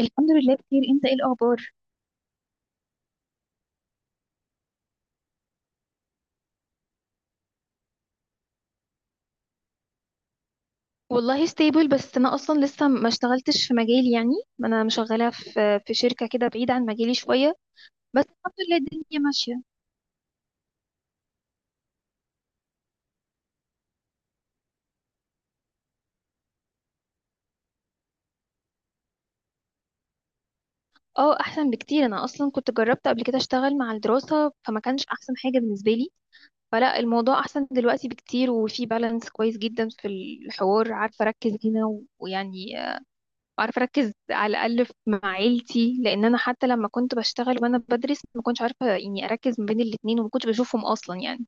الحمد لله بخير. انت ايه الاخبار؟ والله ستيبل، بس انا اصلا لسه ما اشتغلتش في مجالي يعني. انا مشغله في شركه كده بعيده عن مجالي شويه، بس الحمد لله الدنيا ماشيه. اه، احسن بكتير. انا اصلا كنت جربت قبل كده اشتغل مع الدراسه، فما كانش احسن حاجه بالنسبه لي. فلا، الموضوع احسن دلوقتي بكتير، وفي بالانس كويس جدا في الحوار. عارفه اركز هنا و- ويعني عارفه اركز على الاقل مع عيلتي، لان انا حتى لما كنت بشتغل وانا بدرس ما كنتش عارفه يعني اركز ما بين الاتنين، وما كنتش بشوفهم اصلا يعني.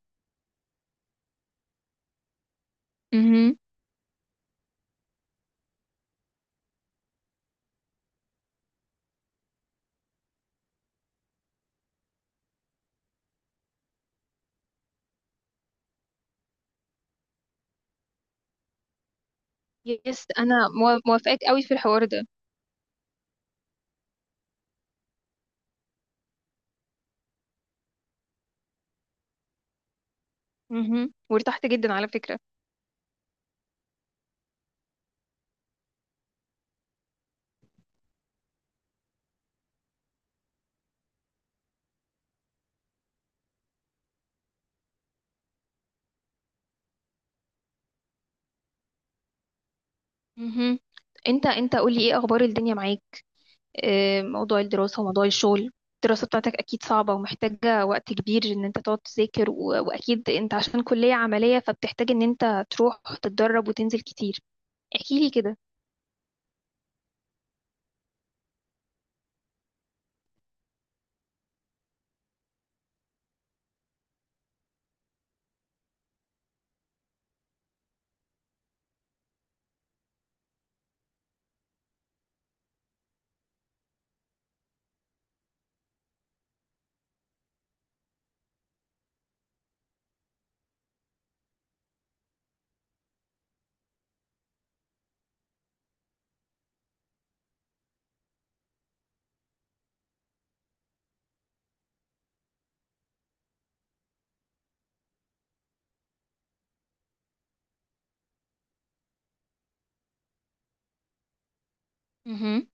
مهم. يس، انا موافقاك قوي في الحوار ده. مهم. وارتحت جدا على فكرة. مهم. انت قولي ايه اخبار الدنيا معاك. موضوع الدراسة وموضوع الشغل، الدراسة بتاعتك اكيد صعبة ومحتاجة وقت كبير ان انت تقعد تذاكر، واكيد انت عشان كلية عملية فبتحتاج ان انت تروح تتدرب وتنزل كتير. احكيلي كده. مهم.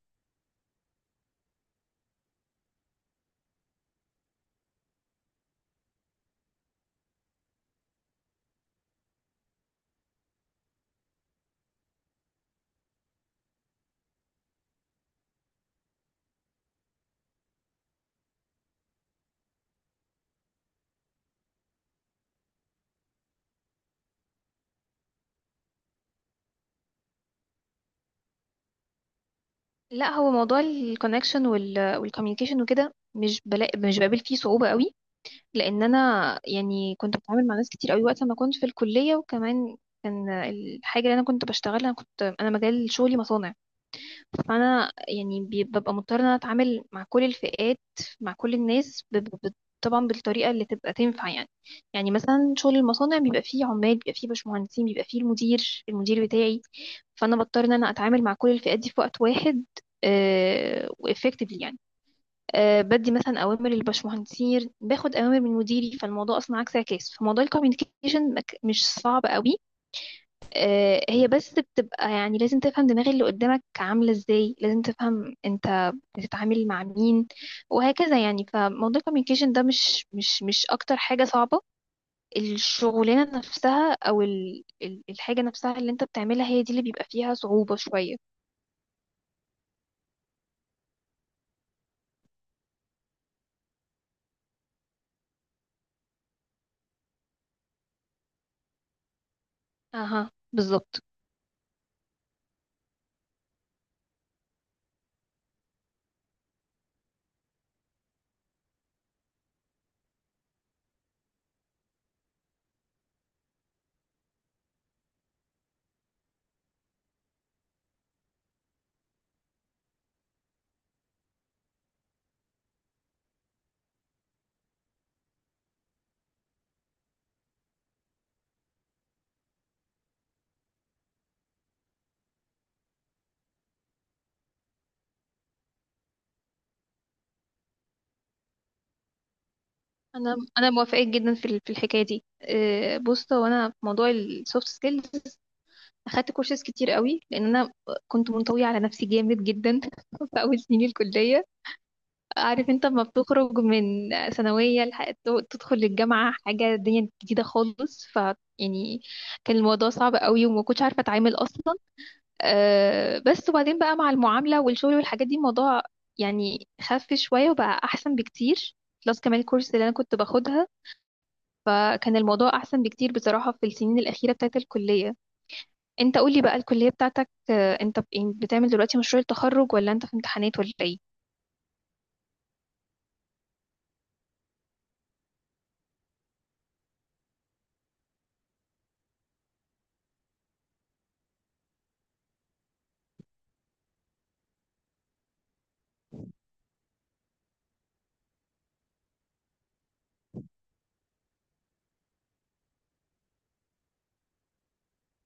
لا، هو موضوع الكونكشن والكوميونيكيشن وكده مش مش بقابل فيه صعوبة قوي، لان انا يعني كنت بتعامل مع ناس كتير قوي وقت ما كنت في الكليه. وكمان كان الحاجه اللي انا كنت بشتغلها، انا مجال شغلي مصانع، فانا يعني ببقى مضطره ان انا اتعامل مع كل الفئات، مع كل الناس طبعا بالطريقه اللي تبقى تنفع يعني. يعني مثلا شغل المصانع بيبقى فيه عمال، بيبقى فيه باشمهندسين، بيبقى فيه المدير بتاعي، فانا بضطر ان انا اتعامل مع كل الفئات دي في وقت واحد وافكتفلي يعني. بدي مثلا اوامر للبشمهندسين، باخد اوامر من مديري، فالموضوع اصلا عكس عكاس. فموضوع الكوميونيكيشن مش صعب قوي. هي بس بتبقى يعني لازم تفهم دماغ اللي قدامك عامله ازاي، لازم تفهم انت بتتعامل مع مين وهكذا يعني. فموضوع الكوميونيكيشن ده مش اكتر حاجه صعبه. الشغلانه نفسها او الحاجه نفسها اللي انت بتعملها هي دي اللي بيبقى فيها صعوبه شويه. اها، بالظبط. انا موافقه جدا في في الحكايه دي. بص، هو انا في موضوع السوفت سكيلز اخدت كورسات كتير قوي، لان انا كنت منطويه على نفسي جامد جدا في اول سنين الكليه. عارف انت لما بتخرج من ثانويه تدخل الجامعه حاجه الدنيا جديده خالص، ف يعني كان الموضوع صعب قوي وما كنتش عارفه اتعامل اصلا. بس وبعدين بقى مع المعامله والشغل والحاجات دي، الموضوع يعني خف شويه وبقى احسن بكتير. بلس كمان الكورس اللي انا كنت باخدها، فكان الموضوع أحسن بكتير بصراحة في السنين الأخيرة بتاعت الكلية. أنت قولي بقى، الكلية بتاعتك، أنت يعني بتعمل دلوقتي مشروع التخرج، ولا أنت في امتحانات، ولا إيه؟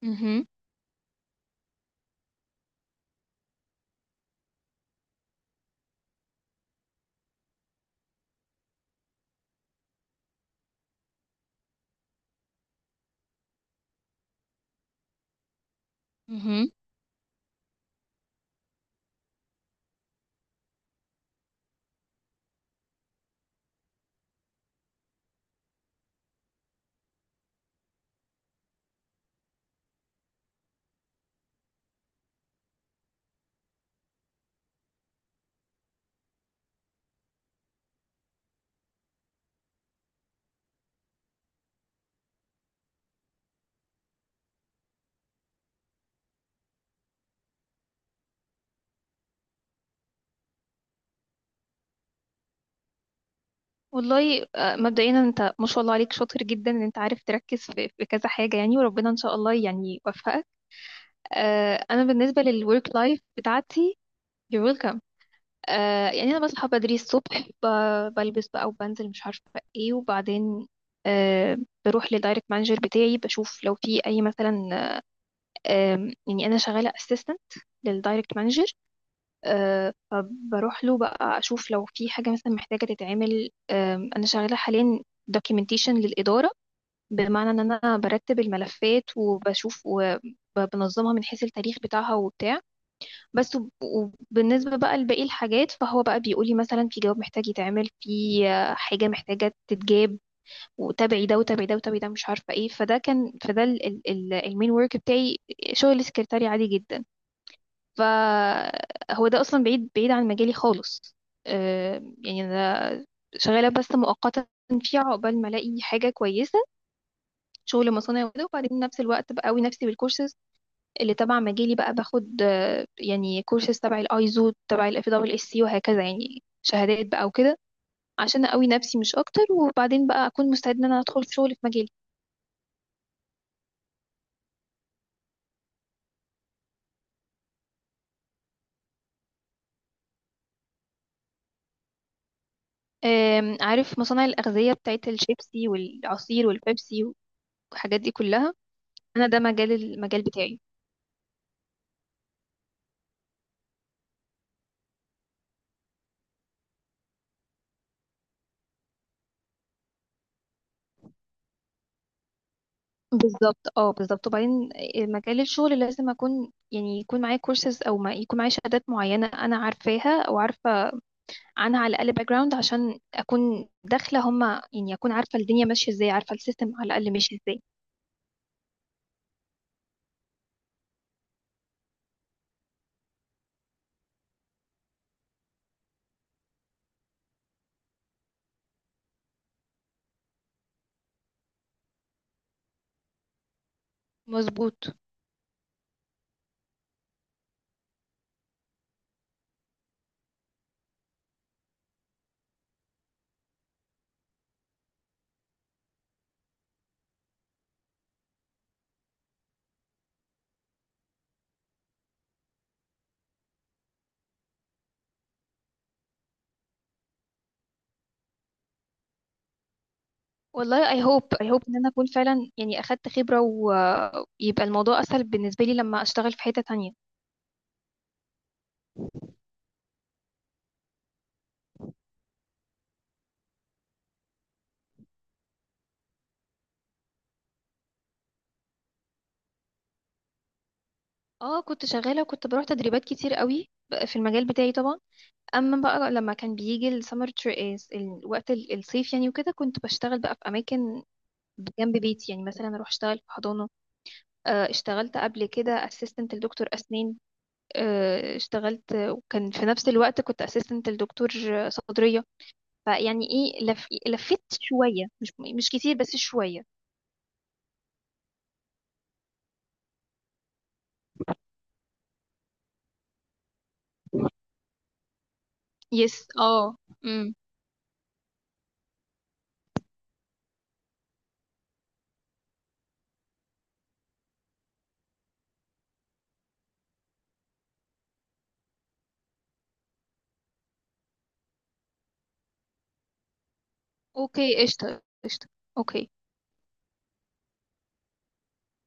مهم. مهم. والله مبدئيا أنت ما شاء الله عليك شاطر جدا إن أنت عارف تركز في كذا حاجة يعني، وربنا إن شاء الله يعني يوفقك. أنا بالنسبة للورك لايف بتاعتي. you're welcome. يعني أنا بصحى بدري الصبح، بلبس بقى وبنزل مش عارفة إيه، وبعدين آه، بروح للدايركت مانجر بتاعي، بشوف لو في أي مثلا. يعني انا شغاله اسيستنت للدايركت مانجر، فبروح له بقى اشوف لو في حاجه مثلا محتاجه تتعمل. انا شغاله حاليا دوكيومنتيشن للاداره، بمعنى ان انا برتب الملفات وبشوف وبنظمها من حيث التاريخ بتاعها وبتاع. بس، وبالنسبه بقى لباقي الحاجات، فهو بقى بيقول لي مثلا في جواب محتاج يتعمل، في حاجه محتاجه تتجاب، وتابعي ده وتابعي ده وتابعي ده مش عارفه ايه. فده المين ورك بتاعي، شغل السكرتاري عادي جدا، فهو ده اصلا بعيد بعيد عن مجالي خالص. يعني انا شغاله بس مؤقتا فيها عقبال ما الاقي حاجه كويسه، شغل مصانع وكده. وبعدين نفس الوقت بقوي نفسي بالكورسز اللي تبع مجالي، بقى باخد يعني كورسز تبع الايزو، تبع الـFWSC، وهكذا يعني شهادات بقى وكده، عشان اقوي نفسي مش اكتر، وبعدين بقى اكون مستعد ان انا ادخل في شغل في مجالي. عارف مصانع الاغذيه بتاعت الشيبسي والعصير والبيبسي والحاجات دي كلها، انا ده المجال بتاعي. بالظبط، اه بالظبط. وبعدين مجال الشغل لازم اكون يعني يكون معايا كورسز، او ما يكون معايا شهادات معينه انا عارفاها او عارفه عنها على الاقل باك جراوند، عشان اكون داخله هما يعني اكون عارفه الدنيا ماشيه ازاي، عارفه السيستم على الاقل ماشي ازاي. مظبوط. والله اي هوب اي هوب ان انا اكون فعلا يعني اخدت خبره، ويبقى الموضوع اسهل بالنسبه لي لما اشتغل في حته تانية. اه، كنت شغاله وكنت بروح تدريبات كتير قوي في المجال بتاعي طبعا. اما بقى لما كان بيجي السمر، الوقت الصيف يعني وكده، كنت بشتغل بقى في اماكن جنب بيتي، يعني مثلا اروح اشتغل في حضانه. اشتغلت قبل كده اسيستنت لدكتور اسنان. اشتغلت وكان في نفس الوقت كنت اسيستنت لدكتور صدريه، فيعني ايه لفيت شويه، مش كتير بس شويه. يس، اه. امم. اوكي، قشطه قشطه، اوكي.